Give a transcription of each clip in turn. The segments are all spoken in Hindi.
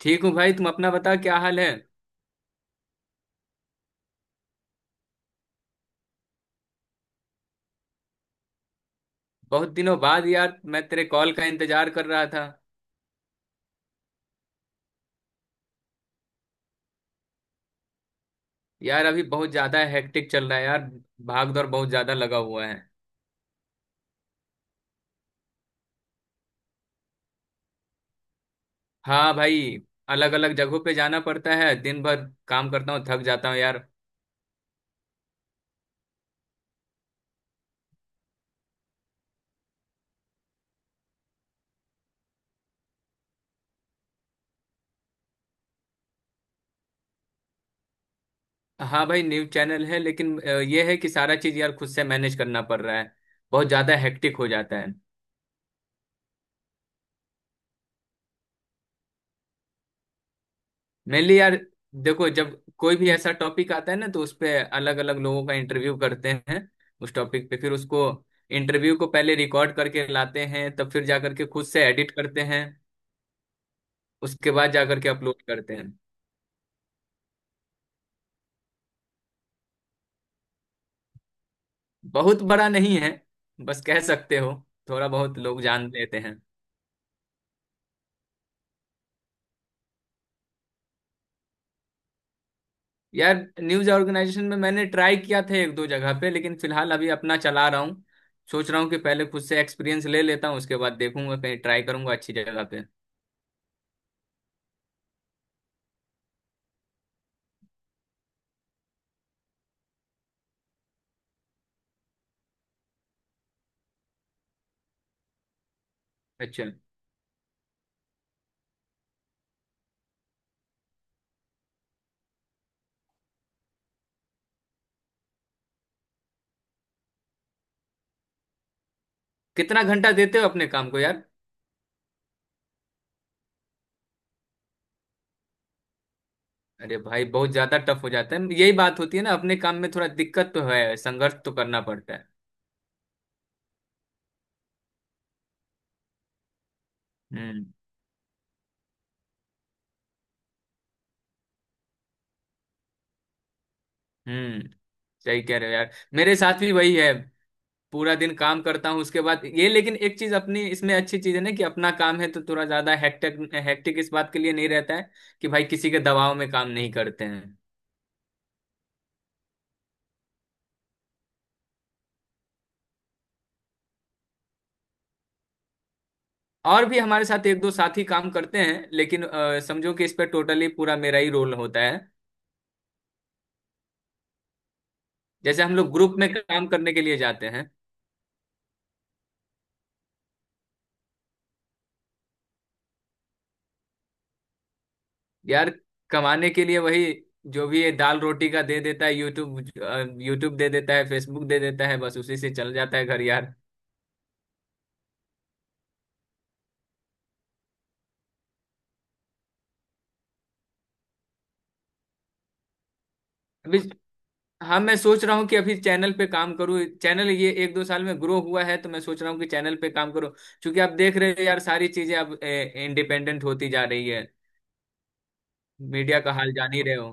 ठीक हूँ भाई। तुम अपना बता, क्या हाल है। बहुत दिनों बाद यार, मैं तेरे कॉल का इंतजार कर रहा था। यार अभी बहुत ज्यादा हेक्टिक चल रहा है यार। भाग दौड़ बहुत ज्यादा लगा हुआ है। हाँ भाई। अलग अलग जगहों पे जाना पड़ता है। दिन भर काम करता हूँ, थक जाता हूँ यार। हाँ भाई, न्यूज चैनल है, लेकिन ये है कि सारा चीज यार खुद से मैनेज करना पड़ रहा है। बहुत ज्यादा हेक्टिक हो जाता है। मेनली यार देखो, जब कोई भी ऐसा टॉपिक आता है ना, तो उस पे अलग अलग लोगों का इंटरव्यू करते हैं। उस टॉपिक पे फिर उसको, इंटरव्यू को, पहले रिकॉर्ड करके लाते हैं, तब फिर जा करके खुद से एडिट करते हैं। उसके बाद जा करके अपलोड करते हैं। बहुत बड़ा नहीं है। बस कह सकते हो, थोड़ा बहुत लोग जान लेते हैं। यार न्यूज ऑर्गेनाइजेशन में मैंने ट्राई किया था एक दो जगह पे, लेकिन फिलहाल अभी अपना चला रहा हूँ। सोच रहा हूँ कि पहले खुद से एक्सपीरियंस ले लेता हूँ, उसके बाद देखूंगा, कहीं ट्राई करूंगा अच्छी जगह पे। अच्छा। कितना घंटा देते हो अपने काम को यार। अरे भाई बहुत ज्यादा टफ हो जाता है। यही बात होती है ना, अपने काम में थोड़ा दिक्कत तो है, संघर्ष तो करना पड़ता है। हम्म। हम्म। सही कह रहे हो यार, मेरे साथ भी वही है। पूरा दिन काम करता हूँ उसके बाद ये, लेकिन एक चीज अपनी इसमें अच्छी चीज है ना, कि अपना काम है तो थोड़ा ज्यादा हेक्टिक, हेक्टिक इस बात के लिए नहीं रहता है कि भाई किसी के दबाव में काम नहीं करते हैं। और भी हमारे साथ एक दो साथी काम करते हैं, लेकिन समझो कि इस पर टोटली पूरा मेरा ही रोल होता है। जैसे हम लोग ग्रुप में काम करने के लिए जाते हैं। यार कमाने के लिए वही, जो भी ये दाल रोटी का दे देता है यूट्यूब। यूट्यूब दे देता है, फेसबुक दे देता है, बस उसी से चल जाता है घर यार। अभी, हाँ मैं सोच रहा हूँ कि अभी चैनल पे काम करूँ। चैनल ये एक दो साल में ग्रो हुआ है, तो मैं सोच रहा हूँ कि चैनल पे काम करूँ। क्योंकि आप देख रहे हो यार, सारी चीजें अब इंडिपेंडेंट होती जा रही है। मीडिया का हाल जान ही रहे हो।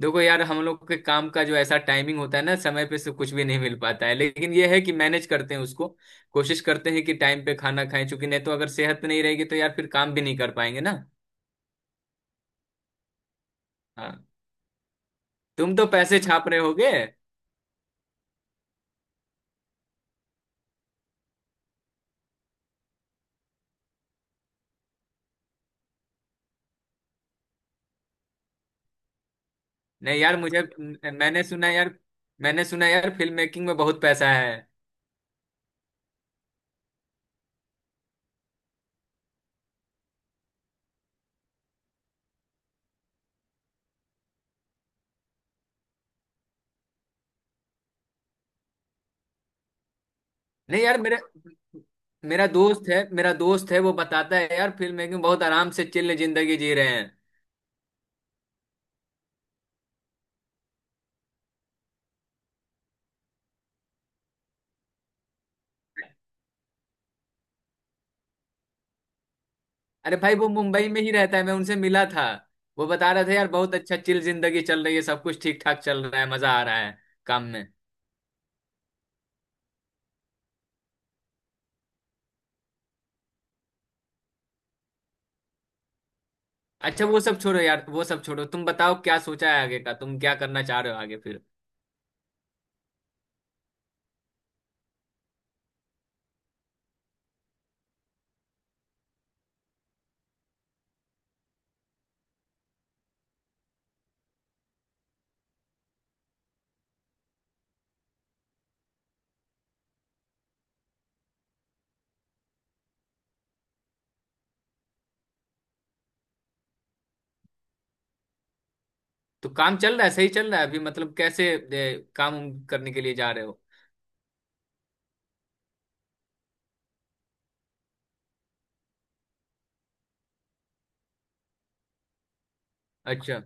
देखो यार, हम लोग के काम का जो ऐसा टाइमिंग होता है ना, समय पे से कुछ भी नहीं मिल पाता है, लेकिन ये है कि मैनेज करते हैं उसको। कोशिश करते हैं कि टाइम पे खाना खाएं, चूंकि नहीं तो अगर सेहत नहीं रहेगी तो यार फिर काम भी नहीं कर पाएंगे ना। हाँ। तुम तो पैसे छाप रहे होगे। नहीं यार मुझे मैंने सुना यार, फिल्म मेकिंग में बहुत पैसा है। नहीं यार मेरा मेरा दोस्त है, वो बताता है यार, फिल्म मेकिंग बहुत आराम से चिल्ल जिंदगी जी रहे हैं। अरे भाई वो मुंबई में ही रहता है, मैं उनसे मिला था। वो बता रहे थे यार, बहुत अच्छा चिल जिंदगी चल रही है, सब कुछ ठीक ठाक चल रहा है, मजा आ रहा है काम में। अच्छा वो सब छोड़ो यार, वो सब छोड़ो, तुम बताओ क्या सोचा है आगे का, तुम क्या करना चाह रहे हो आगे फिर। तो काम चल रहा है, सही चल रहा है अभी। मतलब कैसे ए, काम उम करने के लिए जा रहे हो। अच्छा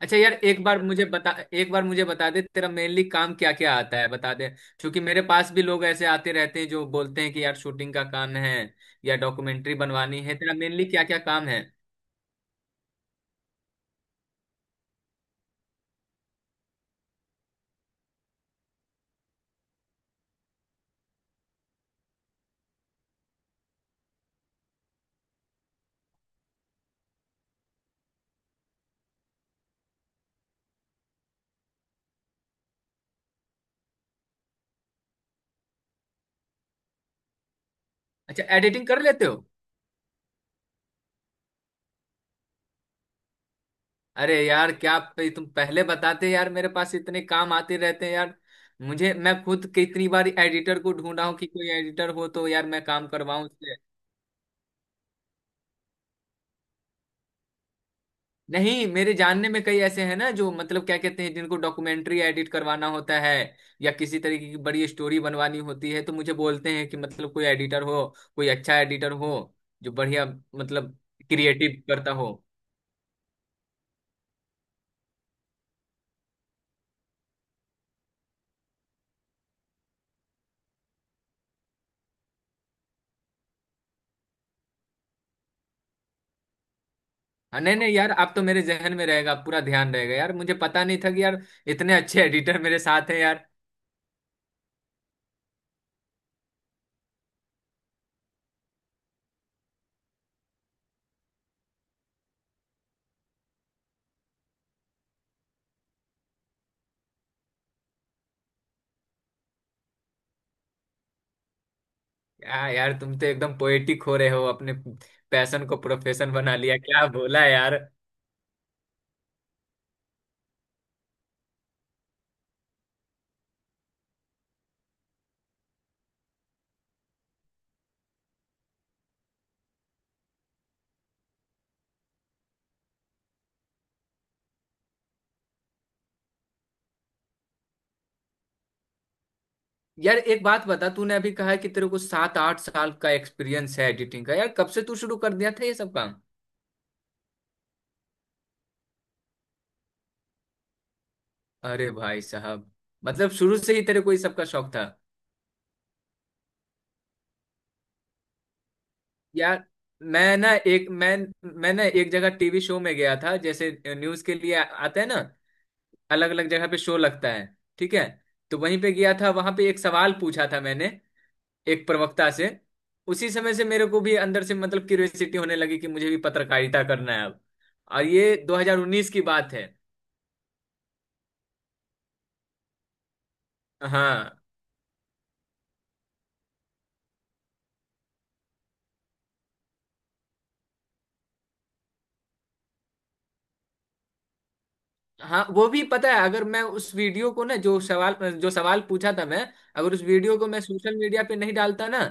अच्छा। यार एक बार मुझे बता, एक बार मुझे बता दे तेरा मेनली काम क्या क्या आता है बता दे। क्योंकि मेरे पास भी लोग ऐसे आते रहते हैं जो बोलते हैं कि यार शूटिंग का काम है या डॉक्यूमेंट्री बनवानी है। तेरा मेनली क्या क्या काम है। अच्छा एडिटिंग कर लेते हो। अरे यार तुम पहले बताते यार, मेरे पास इतने काम आते रहते हैं यार। मुझे, मैं खुद कितनी बार एडिटर को ढूंढा हूं कि कोई एडिटर हो तो यार मैं काम करवाऊं उससे। नहीं मेरे जानने में कई ऐसे हैं ना जो मतलब क्या कहते हैं, जिनको डॉक्यूमेंट्री एडिट करवाना होता है या किसी तरीके की बड़ी स्टोरी बनवानी होती है, तो मुझे बोलते हैं कि मतलब कोई एडिटर हो, कोई अच्छा एडिटर हो, जो बढ़िया मतलब क्रिएटिव करता हो। हाँ, नहीं नहीं यार, आप तो मेरे जहन में रहेगा, पूरा ध्यान रहेगा यार। मुझे पता नहीं था कि यार इतने अच्छे एडिटर मेरे साथ हैं यार। यार तुम तो एकदम पोएटिक हो रहे हो। अपने पैशन को प्रोफेशन बना लिया, क्या बोला यार। यार एक बात बता, तूने अभी कहा है कि तेरे को सात आठ साल का एक्सपीरियंस है एडिटिंग का। यार कब से तू शुरू कर दिया था ये सब काम। अरे भाई साहब, मतलब शुरू से ही तेरे को ये सब का शौक था। यार मैं ना एक मैं मैं ना एक जगह टीवी शो में गया था, जैसे न्यूज के लिए आते हैं ना, अलग अलग जगह पे शो लगता है, ठीक है। तो वहीं पे गया था, वहां पे एक सवाल पूछा था मैंने एक प्रवक्ता से। उसी समय से मेरे को भी अंदर से मतलब क्यूरियोसिटी होने लगी कि मुझे भी पत्रकारिता करना है अब। और ये 2019 की बात है। हाँ हाँ वो भी पता है। अगर मैं उस वीडियो को ना, जो सवाल पूछा था मैं, अगर उस वीडियो को मैं सोशल मीडिया पे नहीं डालता ना,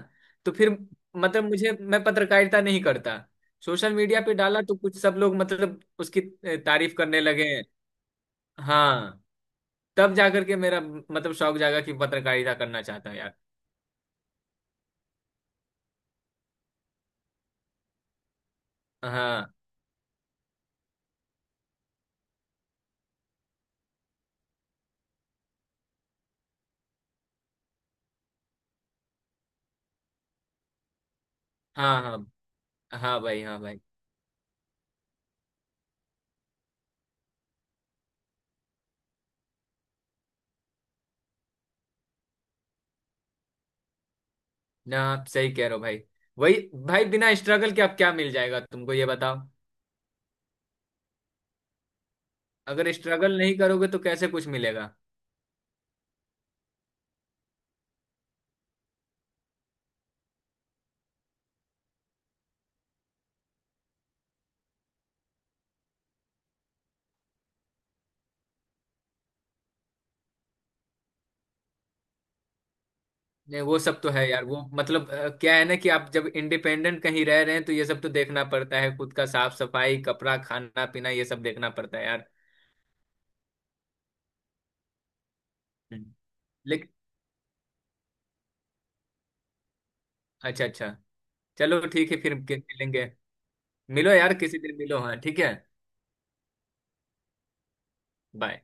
तो फिर मतलब मुझे, मैं पत्रकारिता नहीं करता। सोशल मीडिया पे डाला तो कुछ सब लोग मतलब उसकी तारीफ करने लगे। हाँ। तब जाकर के मेरा मतलब शौक जागा कि पत्रकारिता करना चाहता हूँ यार। हाँ हाँ। हाँ हाँ भाई, हाँ भाई। ना आप सही कह रहे हो भाई, वही। भाई बिना स्ट्रगल के आप क्या मिल जाएगा तुमको, ये बताओ। अगर स्ट्रगल नहीं करोगे तो कैसे कुछ मिलेगा। नहीं वो सब तो है यार, वो मतलब क्या है ना, कि आप जब इंडिपेंडेंट कहीं रह रहे हैं तो ये सब तो देखना पड़ता है, खुद का साफ सफाई, कपड़ा, खाना पीना, ये सब देखना पड़ता है यार। हम्म। लेकिन, अच्छा अच्छा, चलो ठीक है फिर मिलेंगे। मिलो यार किसी दिन मिलो, हाँ ठीक है। बाय।